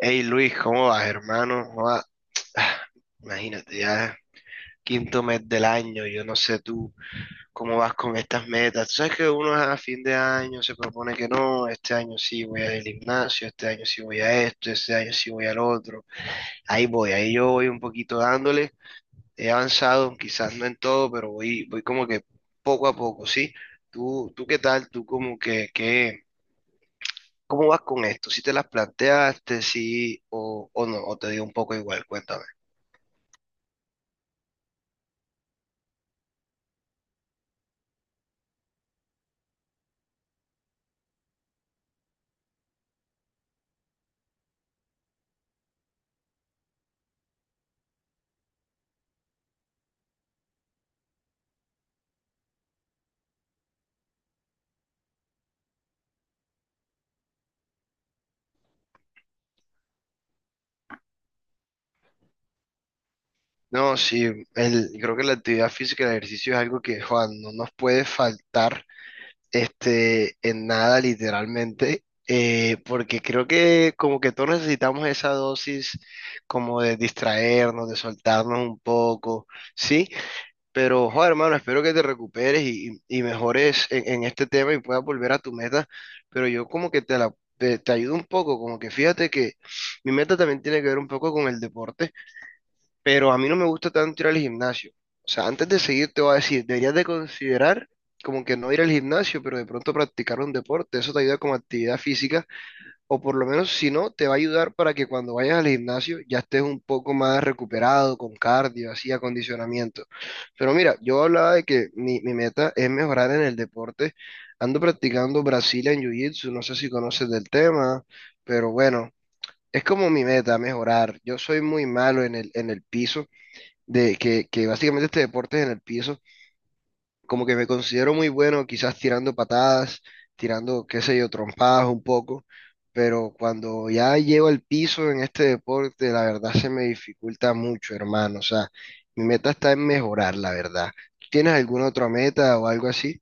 Hey Luis, ¿cómo vas, hermano? ¿Cómo vas? Ah, Imagínate, ya quinto mes del año, yo no sé tú cómo vas con estas metas. Tú sabes que uno a fin de año se propone que no, este año sí voy al gimnasio, este año sí voy a esto, este año sí voy al otro. Ahí voy, ahí yo voy un poquito dándole. He avanzado, quizás no en todo, pero voy como que poco a poco, ¿sí? ¿Tú qué tal? ¿Tú como que, qué, cómo vas con esto? ¿Si te las planteaste, sí o no? ¿O te dio un poco igual? Cuéntame. No, sí, el, creo que la actividad física, el ejercicio es algo que, Juan, no nos puede faltar en nada, literalmente, porque creo que como que todos necesitamos esa dosis como de distraernos, de soltarnos un poco, ¿sí? Pero, Juan, hermano, espero que te recuperes y mejores en este tema y puedas volver a tu meta, pero yo como que te la... Te ayudo un poco, como que fíjate que mi meta también tiene que ver un poco con el deporte pero a mí no me gusta tanto ir al gimnasio. O sea, antes de seguir te voy a decir, deberías de considerar como que no ir al gimnasio, pero de pronto practicar un deporte, eso te ayuda como actividad física, o por lo menos si no, te va a ayudar para que cuando vayas al gimnasio ya estés un poco más recuperado, con cardio, así, acondicionamiento. Pero mira, yo hablaba de que mi meta es mejorar en el deporte. Ando practicando Brazilian Jiu-Jitsu, no sé si conoces del tema, pero bueno, es como mi meta, mejorar. Yo soy muy malo en el piso de que básicamente este deporte es en el piso, como que me considero muy bueno, quizás tirando patadas, tirando, qué sé yo, trompadas un poco, pero cuando ya llego al piso en este deporte, la verdad se me dificulta mucho, hermano. O sea, mi meta está en mejorar, la verdad. ¿Tú tienes alguna otra meta o algo así?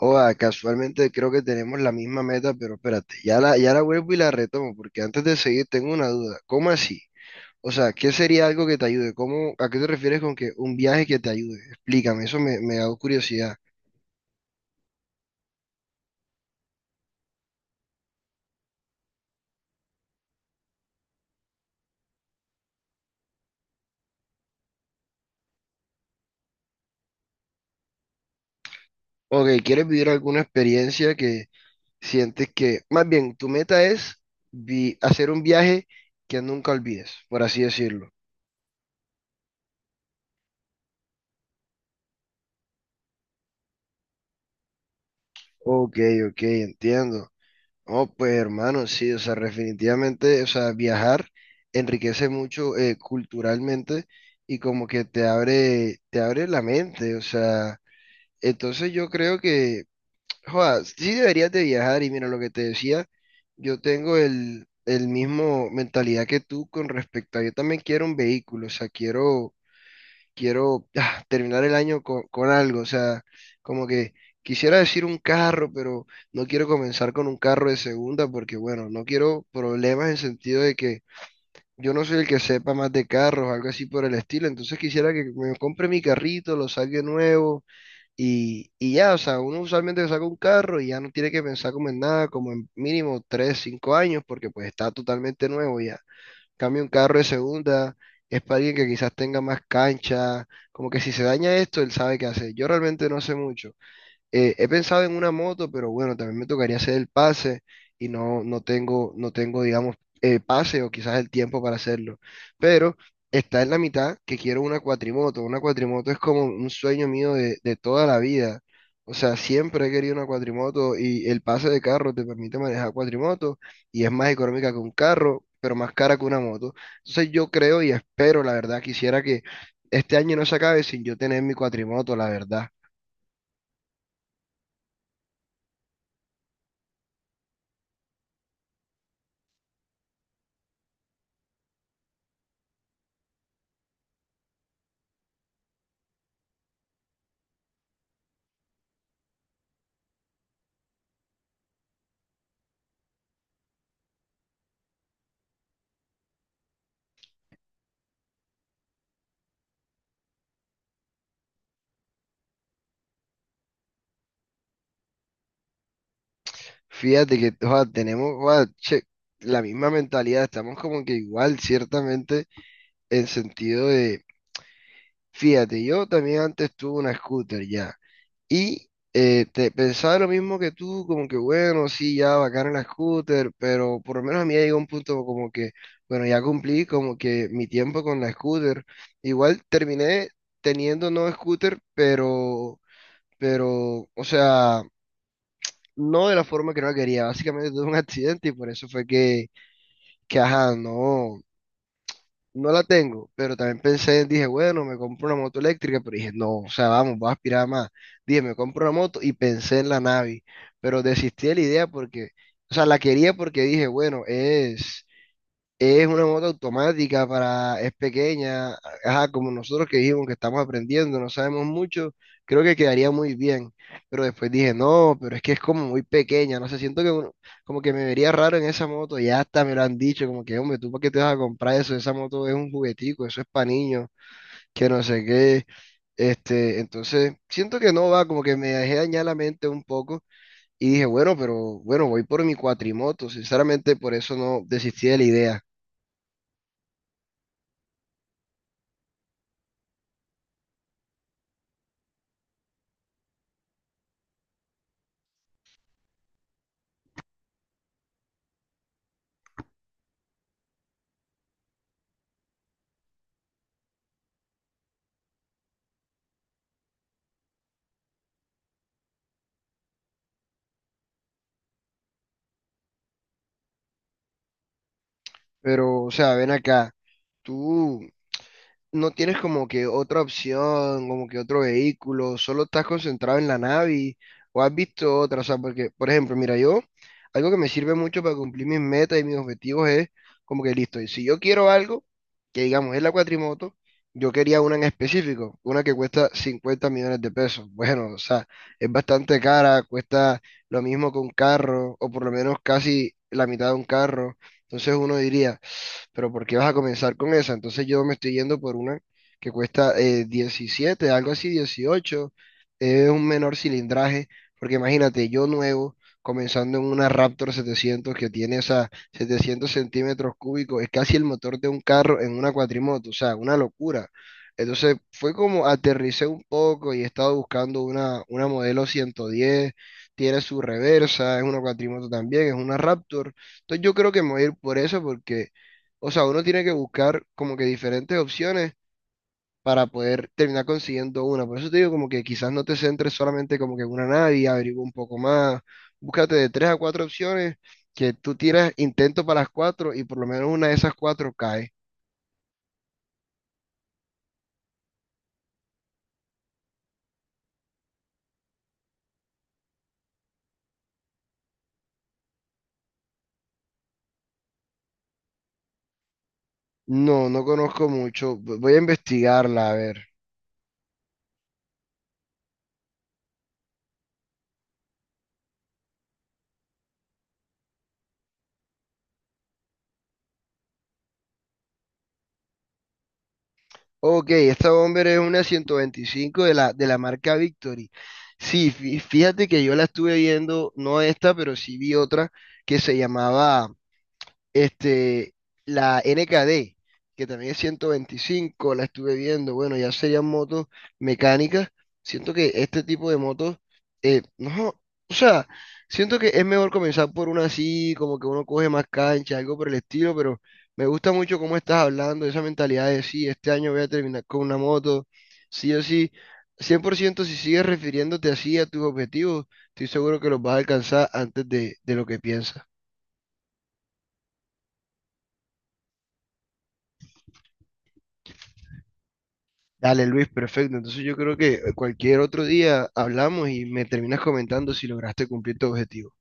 Casualmente creo que tenemos la misma meta, pero espérate, ya la vuelvo y la retomo, porque antes de seguir tengo una duda. ¿Cómo así? O sea, ¿qué sería algo que te ayude? ¿Cómo, a qué te refieres con que un viaje que te ayude? Explícame, eso me da curiosidad. Ok, ¿quieres vivir alguna experiencia que sientes que, más bien, tu meta es hacer un viaje que nunca olvides, por así decirlo? Ok, ok, entiendo. Oh, pues hermano, sí, o sea, definitivamente, o sea, viajar enriquece mucho culturalmente y como que te abre la mente, o sea, entonces yo creo que Joda, sí deberías de viajar y mira lo que te decía, yo tengo el mismo mentalidad que tú con respecto a, yo también quiero un vehículo, o sea, quiero, quiero terminar el año con algo, o sea, como que quisiera decir un carro, pero no quiero comenzar con un carro de segunda porque, bueno, no quiero problemas en sentido de que yo no soy el que sepa más de carros, algo así por el estilo, entonces quisiera que me compre mi carrito, lo saque nuevo y ya, o sea, uno usualmente saca un carro y ya no tiene que pensar como en nada, como en mínimo 3 5 años, porque pues está totalmente nuevo ya. Cambio un carro de segunda, es para alguien que quizás tenga más cancha, como que si se daña esto, él sabe qué hacer. Yo realmente no sé mucho. He pensado en una moto, pero bueno, también me tocaría hacer el pase y no, no tengo, no tengo, digamos, el pase o quizás el tiempo para hacerlo. Pero está en la mitad que quiero una cuatrimoto. Una cuatrimoto es como un sueño mío de toda la vida. O sea, siempre he querido una cuatrimoto y el pase de carro te permite manejar cuatrimoto y es más económica que un carro, pero más cara que una moto. Entonces yo creo y espero, la verdad, quisiera que este año no se acabe sin yo tener mi cuatrimoto, la verdad. Fíjate que joda, tenemos joda, che, la misma mentalidad, estamos como que igual, ciertamente, en sentido de, fíjate, yo también antes tuve una scooter ya, y pensaba lo mismo que tú, como que bueno, sí, ya bacana la scooter, pero por lo menos a mí ya llegó un punto como que, bueno, ya cumplí como que mi tiempo con la scooter, igual terminé teniendo no scooter, pero, o sea no de la forma que no la quería. Básicamente tuve un accidente y por eso fue que ajá, no, no la tengo. Pero también pensé, dije, bueno, me compro una moto eléctrica, pero dije, no, o sea, vamos, voy a aspirar más. Dije, me compro una moto y pensé en la Navi, pero desistí de la idea porque, o sea, la quería porque dije, bueno, es una moto automática para, es pequeña, ajá, como nosotros que dijimos que estamos aprendiendo, no sabemos mucho, creo que quedaría muy bien. Pero después dije, no, pero es que es como muy pequeña, no sé, siento que como que me vería raro en esa moto, ya hasta me lo han dicho, como que, hombre, ¿tú para qué te vas a comprar eso? Esa moto es un juguetico, eso es para niños, que no sé qué. Entonces, siento que no va, como que me dejé dañar la mente un poco y dije, bueno, voy por mi cuatrimoto, sinceramente por eso no desistí de la idea. Pero, o sea, ven acá, tú no tienes como que otra opción, como que otro vehículo, solo estás concentrado en la Navi o has visto otra, o sea, porque, por ejemplo, mira, yo, algo que me sirve mucho para cumplir mis metas y mis objetivos es como que listo, y si yo quiero algo, que digamos es la cuatrimoto, yo quería una en específico, una que cuesta 50 millones de pesos. Bueno, o sea, es bastante cara, cuesta lo mismo que un carro, o por lo menos casi la mitad de un carro. Entonces uno diría pero ¿por qué vas a comenzar con esa? Entonces yo me estoy yendo por una que cuesta 17, algo así, 18 es un menor cilindraje, porque imagínate, yo nuevo, comenzando en una Raptor 700 que tiene esas 700 centímetros cúbicos, es casi el motor de un carro en una cuatrimoto, o sea, una locura. Entonces fue como aterricé un poco y he estado buscando una modelo 110 tiene su reversa, es una cuatrimoto también, es una Raptor. Entonces yo creo que me voy a ir por eso porque o sea, uno tiene que buscar como que diferentes opciones para poder terminar consiguiendo una. Por eso te digo como que quizás no te centres solamente como que en una nadie, averigua un poco más, búscate de tres a cuatro opciones que tú tiras intento para las cuatro y por lo menos una de esas cuatro cae. No, no conozco mucho. Voy a investigarla, a ver. Ok, esta bomber es una 125 de la marca Victory. Sí, fíjate que yo la estuve viendo, no esta, pero sí vi otra que se llamaba Este, la NKD, que también es 125, la estuve viendo, bueno, ya serían motos mecánicas. Siento que este tipo de motos, no, o sea, siento que es mejor comenzar por una así, como que uno coge más cancha, algo por el estilo, pero me gusta mucho cómo estás hablando, esa mentalidad de sí, este año voy a terminar con una moto, sí o sí. 100% si sigues refiriéndote así a tus objetivos, estoy seguro que los vas a alcanzar antes de lo que piensas. Dale, Luis, perfecto. Entonces yo creo que cualquier otro día hablamos y me terminas comentando si lograste cumplir tu objetivo.